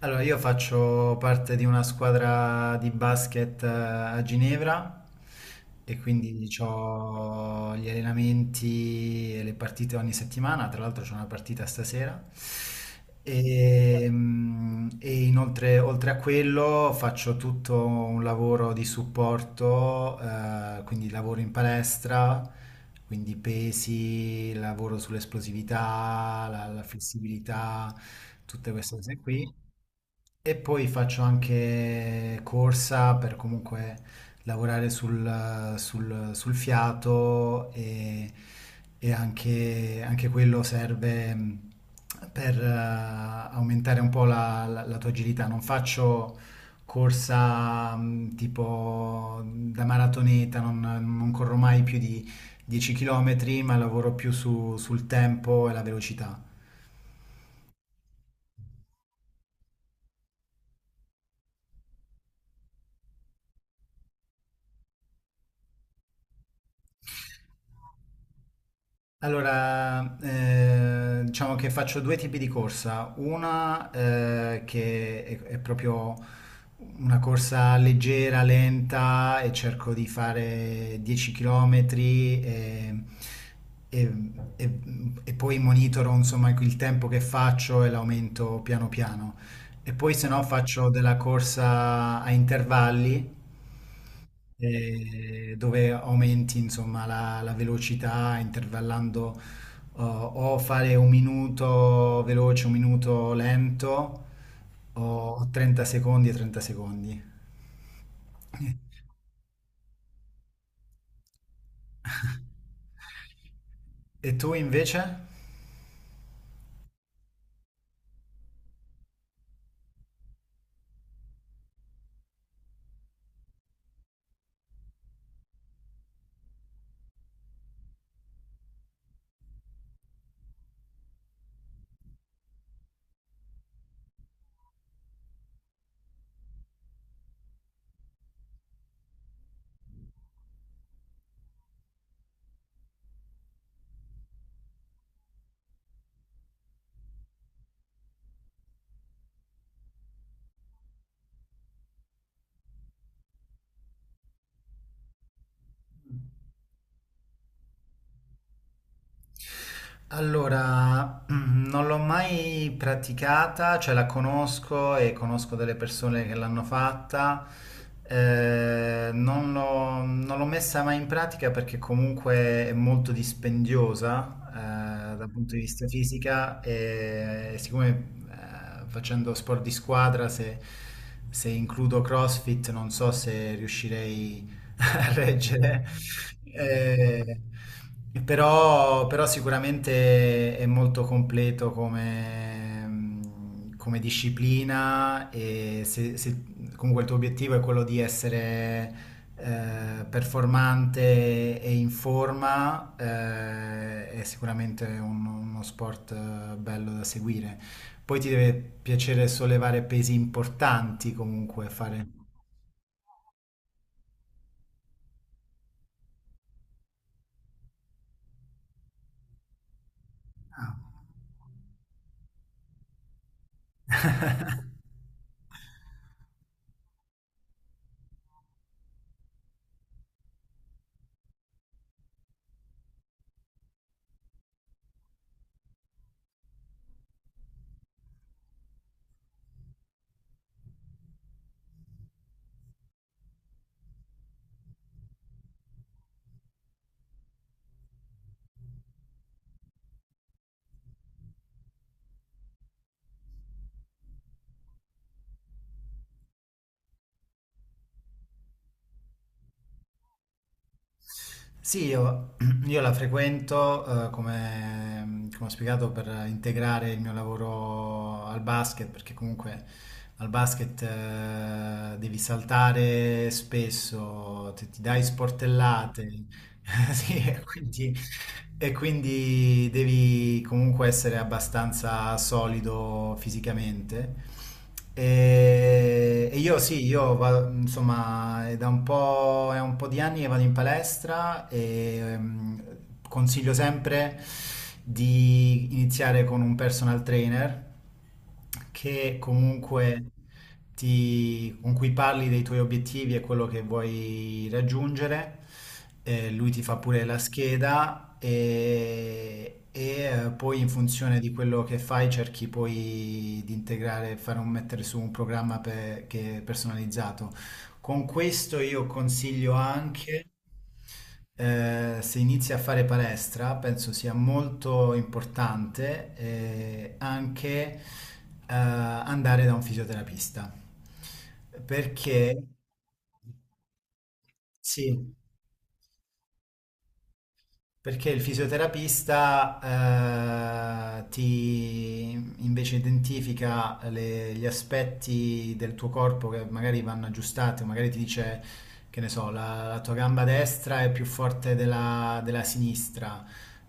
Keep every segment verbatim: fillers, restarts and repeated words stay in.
Allora, io faccio parte di una squadra di basket eh, a Ginevra e quindi ho gli allenamenti e le partite ogni settimana, tra l'altro c'è una partita stasera. E, mm, e inoltre, oltre a quello, faccio tutto un lavoro di supporto, eh, quindi lavoro in palestra, quindi pesi, lavoro sull'esplosività, la la flessibilità, tutte queste cose qui. E poi faccio anche corsa per comunque lavorare sul, sul- sul fiato e, e anche, anche quello serve mh, per eh, aumentare un po' la, la- la tua agilità. Non faccio corsa mh, tipo da maratoneta, non, non corro mai più di dieci chilometri, ma lavoro più su- sul tempo e la velocità. Allora, eh, diciamo che faccio due tipi di corsa, una eh, che è, è proprio una corsa leggera, lenta e cerco di fare dieci chilometri e, e- e- e poi monitoro insomma il tempo che faccio e l'aumento piano piano. E poi se no faccio della corsa a intervalli eh, dove aumenti insomma la la velocità intervallando o o fare un minuto veloce, un minuto lento, o trenta secondi e trenta secondi. E tu invece? Allora, mm, non l'ho mai praticata, cioè la conosco e conosco delle persone che l'hanno fatta. Eh, non l'ho non l'ho messa mai in pratica perché comunque è molto dispendiosa, eh, dal punto di vista fisica e siccome eh, facendo sport di squadra, se, se includo CrossFit, non so se riuscirei a reggere. Eh, però, però sicuramente è molto completo come, come disciplina e se, se comunque il tuo obiettivo è quello di essere eh, performante e in forma, eh, è sicuramente un- uno sport eh, bello da seguire. Poi ti deve piacere sollevare pesi importanti comunque, fare... Ah. Sì, io, io la frequento, eh, come, come ho spiegato, per integrare il mio lavoro al basket, perché comunque al basket, eh, devi saltare spesso, ti, ti dai sportellate, sì, e quindi, e quindi devi comunque essere abbastanza solido fisicamente. E, e io sì, io vado, insomma, è da un po', è un po' di anni che vado in palestra e ehm, consiglio sempre di iniziare con un personal trainer che comunque ti- con cui parli dei tuoi obiettivi e quello che vuoi raggiungere. Eh, lui ti fa pure la scheda e, e, eh, poi in funzione di quello che fai cerchi poi di integrare, fare un, mettere su un programma pe- che è personalizzato. Con questo io consiglio anche, eh, se inizi a fare palestra, penso sia molto importante, eh, anche eh, andare da un fisioterapista. Perché sì. Perché il fisioterapista eh, ti invece identifica le- gli aspetti del tuo corpo che magari vanno aggiustati, o magari ti dice, che ne so, la, la tua gamba destra è più forte della, della sinistra,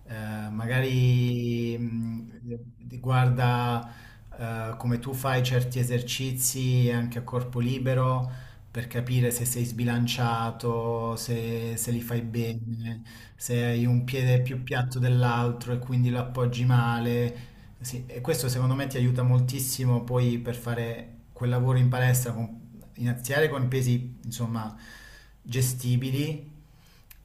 eh, magari mh, ti guarda eh, come tu fai certi esercizi anche a corpo libero per capire se sei sbilanciato, se, se li fai bene, se hai un piede più piatto dell'altro e quindi lo appoggi male. Sì, e questo secondo me ti aiuta moltissimo poi per fare quel lavoro in palestra, con- iniziare con pesi insomma gestibili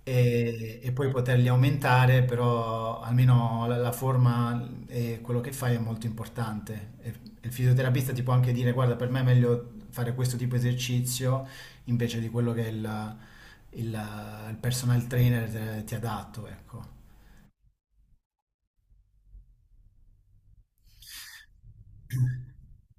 e, e poi poterli aumentare, però almeno la, la forma e quello che fai è molto importante. E, e il fisioterapista ti può anche dire, guarda, per me è meglio fare questo tipo di esercizio invece di quello che il, il- il personal trainer te- ti ha dato, ecco.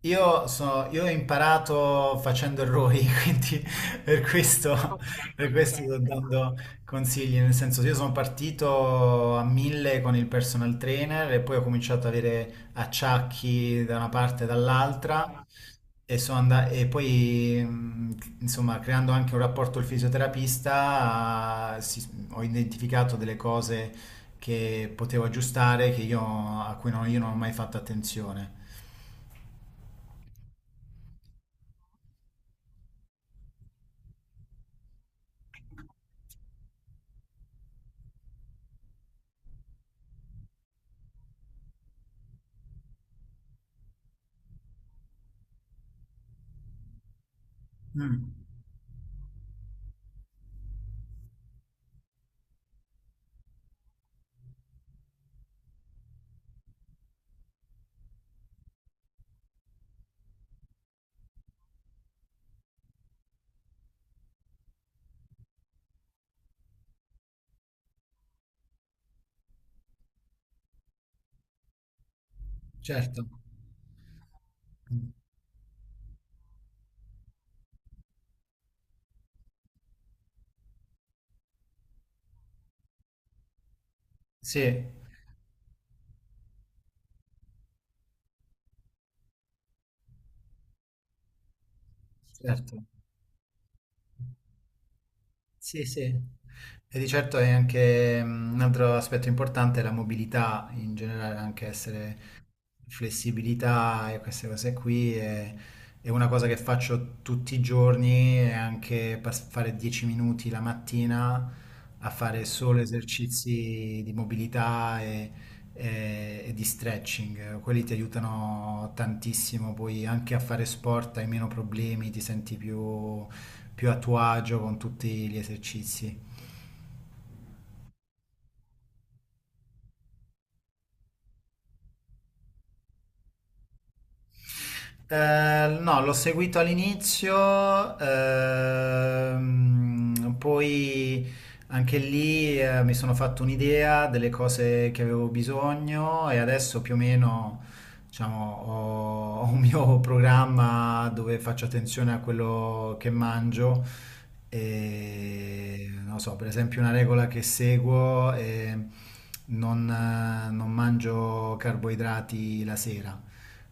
Io, so- io ho imparato facendo errori, quindi per questo, ok, per questo, ok, sto dando consigli, nel senso io sono partito a mille con il personal trainer e poi ho cominciato ad avere acciacchi da una parte e dall'altra. E, sono anda- e poi, mh, insomma, creando anche un rapporto al fisioterapista, si- ho identificato delle cose che potevo aggiustare, che io, a cui non, io non ho mai fatto attenzione. Mm, certo. Sì, certo. Sì, sì. E di certo è anche, mm, un altro aspetto importante, la mobilità in generale, anche essere flessibilità e queste cose qui è, è una cosa che faccio tutti i giorni e anche pas- fare dieci minuti la mattina a fare solo esercizi di mobilità e, e- e di stretching. Quelli ti aiutano tantissimo, poi anche a fare sport hai meno problemi, ti senti più più a tuo agio con tutti gli esercizi. Eh, no, l'ho seguito all'inizio, ehm, poi anche lì eh, mi sono fatto un'idea delle cose che avevo bisogno e adesso più o meno, diciamo, ho, ho un mio programma dove faccio attenzione a quello che mangio e non so, per esempio una regola che seguo è non, eh, non mangio carboidrati la sera.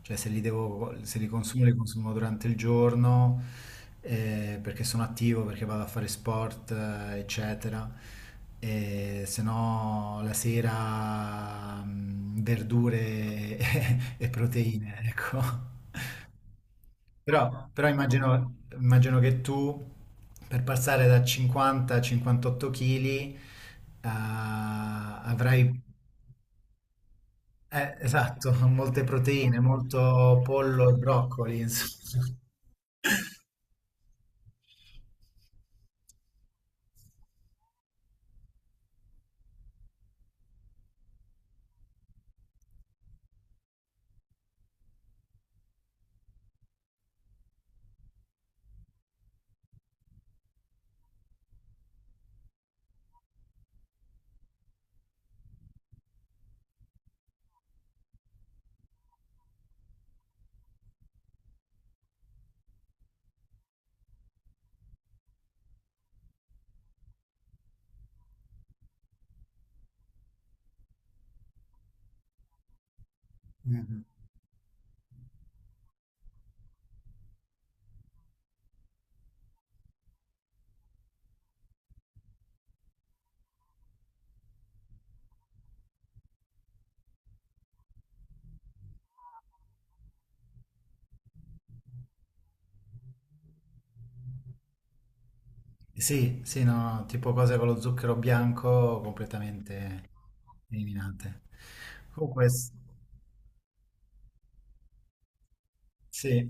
Cioè se li devo, se li consumo, li consumo durante il giorno, eh, perché sono attivo, perché vado a fare sport, eh, eccetera. E se no la sera, mm, verdure e e proteine, ecco. Però, però immagino, immagino che tu per passare da cinquanta a cinquantotto chili avrai... eh, esatto, molte proteine, molto pollo e broccoli, insomma. Mhm. Sì, sì, no, tipo cose con lo zucchero bianco completamente eliminate. Comunque, s- sì.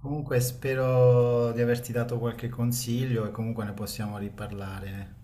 Comunque spero di averti dato qualche consiglio e comunque ne possiamo riparlare.